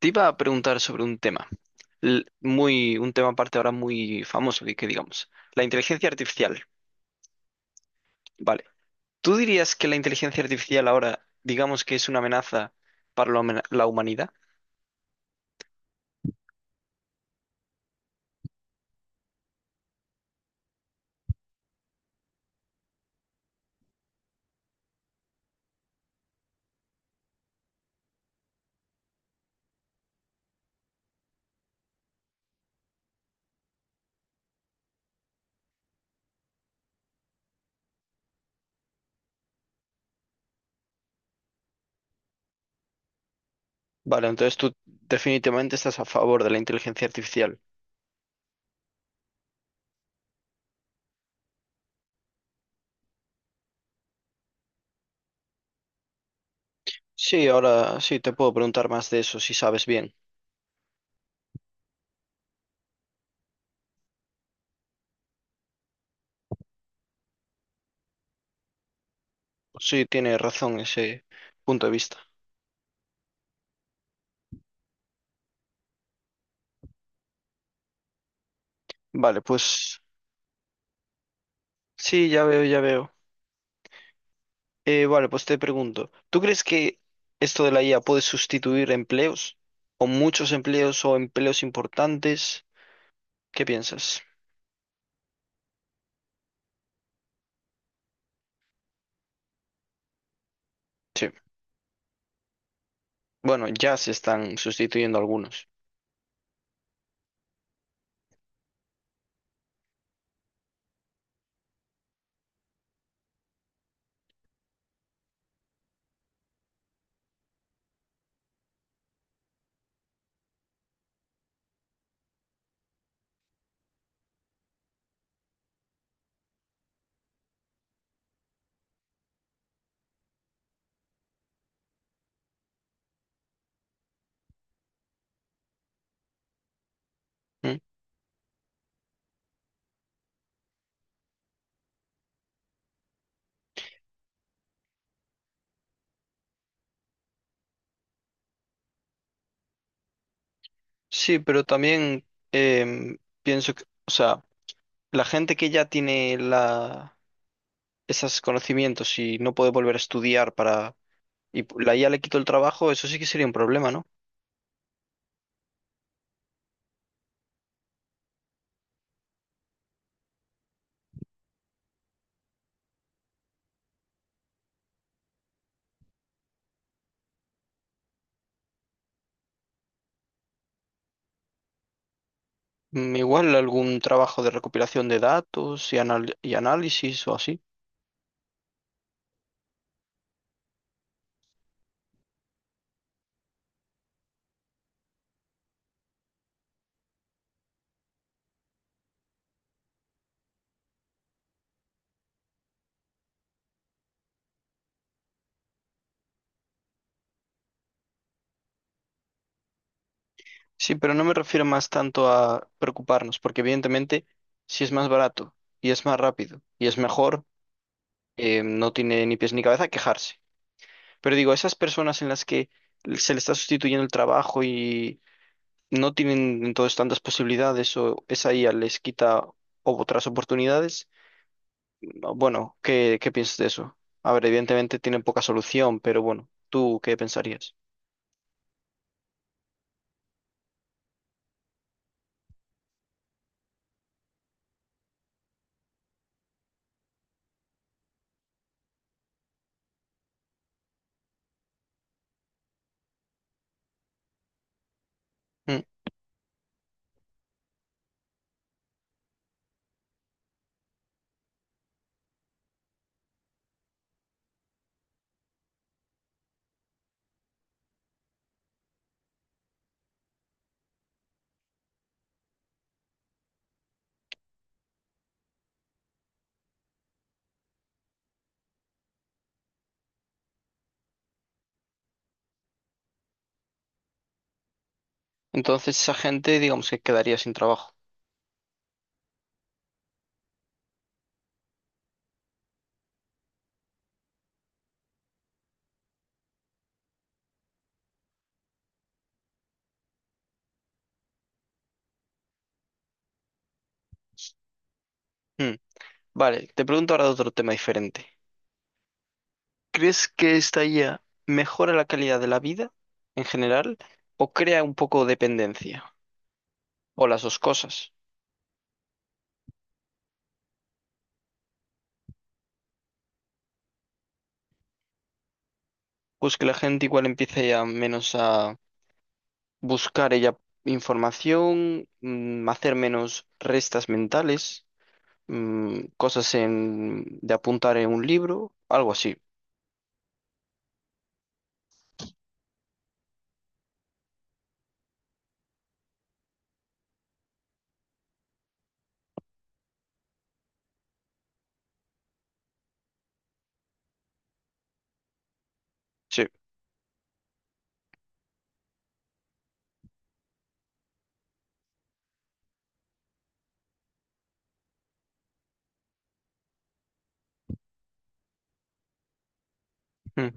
Te iba a preguntar sobre un tema, un tema aparte ahora muy famoso, que digamos, la inteligencia artificial. Vale. ¿Tú dirías que la inteligencia artificial ahora, digamos que es una amenaza para la la humanidad? Vale, entonces tú definitivamente estás a favor de la inteligencia artificial. Sí, ahora sí te puedo preguntar más de eso si sabes bien. Sí, tiene razón ese punto de vista. Vale, pues sí, ya veo, ya veo. Vale, pues te pregunto, ¿tú crees que esto de la IA puede sustituir empleos? ¿O muchos empleos o empleos importantes? ¿Qué piensas? Sí. Bueno, ya se están sustituyendo algunos. ¿Mm? Sí, pero también pienso que, o sea, la gente que ya tiene la, esos conocimientos y no puede volver a estudiar para, la IA le quitó el trabajo, eso sí que sería un problema, ¿no? Mm, igual algún trabajo de recopilación de datos y, análisis o así. Sí, pero no me refiero más tanto a preocuparnos, porque evidentemente si es más barato y es más rápido y es mejor, no tiene ni pies ni cabeza quejarse. Pero digo, esas personas en las que se le está sustituyendo el trabajo y no tienen entonces tantas posibilidades o esa IA les quita otras oportunidades, no, bueno, ¿qué piensas de eso? A ver, evidentemente tienen poca solución, pero bueno, ¿tú qué pensarías? Mm. Entonces esa gente, digamos que quedaría sin trabajo. Mm. Vale, te pregunto ahora de otro tema diferente. ¿Crees que esta IA mejora la calidad de la vida en general o crea un poco de dependencia? O las dos cosas. Pues que la gente igual empiece ya menos a buscar ella información, hacer menos restas mentales, cosas de apuntar en un libro, algo así. Sí, mm,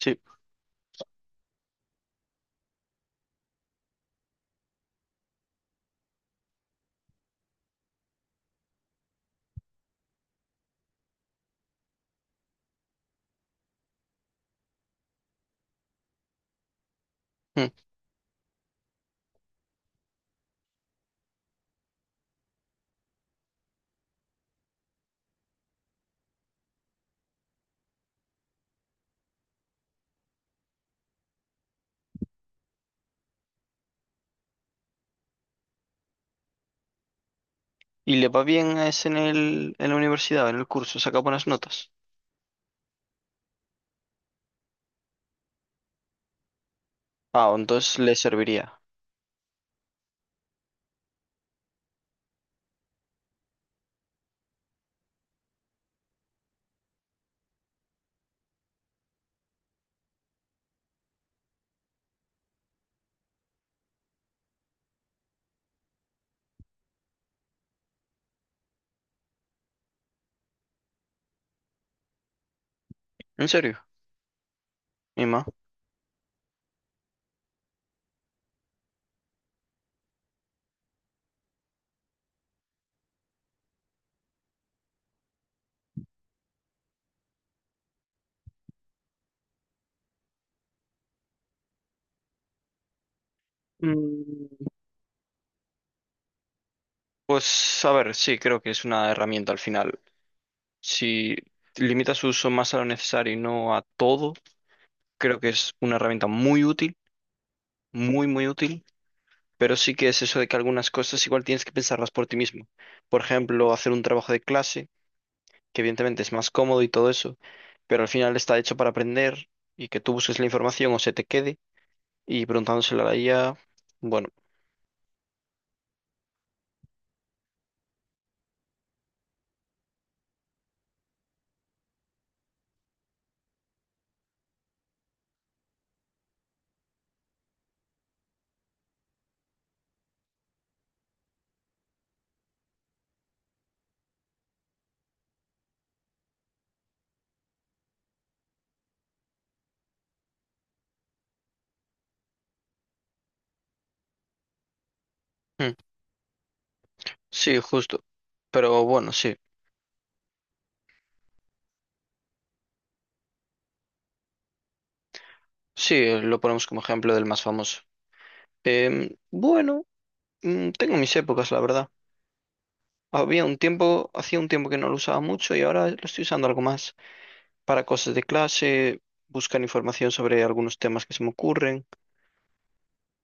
sí. Mm. ¿Y le va bien a ese en la universidad, en el curso? ¿Saca buenas notas? Ah, entonces le serviría. ¿En serio? ¿Emma? Mm, pues a ver, sí, creo que es una herramienta al final. Si limita su uso más a lo necesario y no a todo, Creo que es una herramienta muy útil, muy, muy útil, pero sí que es eso de que algunas cosas igual tienes que pensarlas por ti mismo. Por ejemplo, hacer un trabajo de clase, que evidentemente es más cómodo y todo eso, pero al final está hecho para aprender y que tú busques la información o se te quede, y preguntándosela a la IA, bueno, mm, sí, justo. Pero bueno, sí, sí, lo ponemos como ejemplo del más famoso. Bueno, mm, tengo mis épocas, la verdad. Hacía un tiempo que no lo usaba mucho y ahora lo estoy usando algo más. Para cosas de clase, buscar información sobre algunos temas que se me ocurren.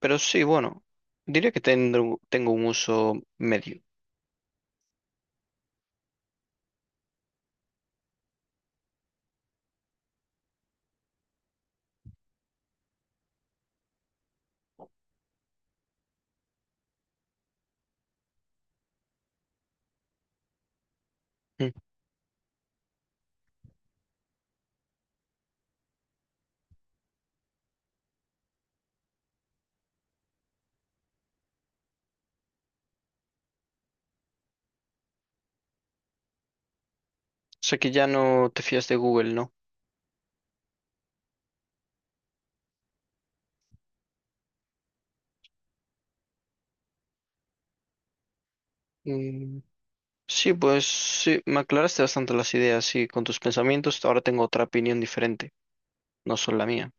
Pero sí, bueno, diría que tengo un uso medio. Mm. O sea que ya no te fías de Google, ¿no? Mm, sí, pues sí, me aclaraste bastante las ideas, sí, con tus pensamientos. Ahora tengo otra opinión diferente, no son la mía.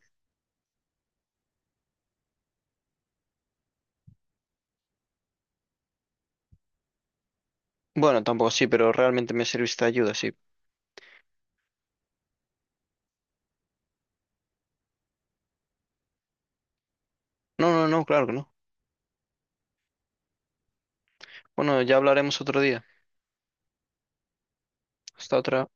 Bueno, tampoco sí, pero realmente me serviste de ayuda, sí. No, no, no, claro que no. Bueno, ya hablaremos otro día. Hasta otra.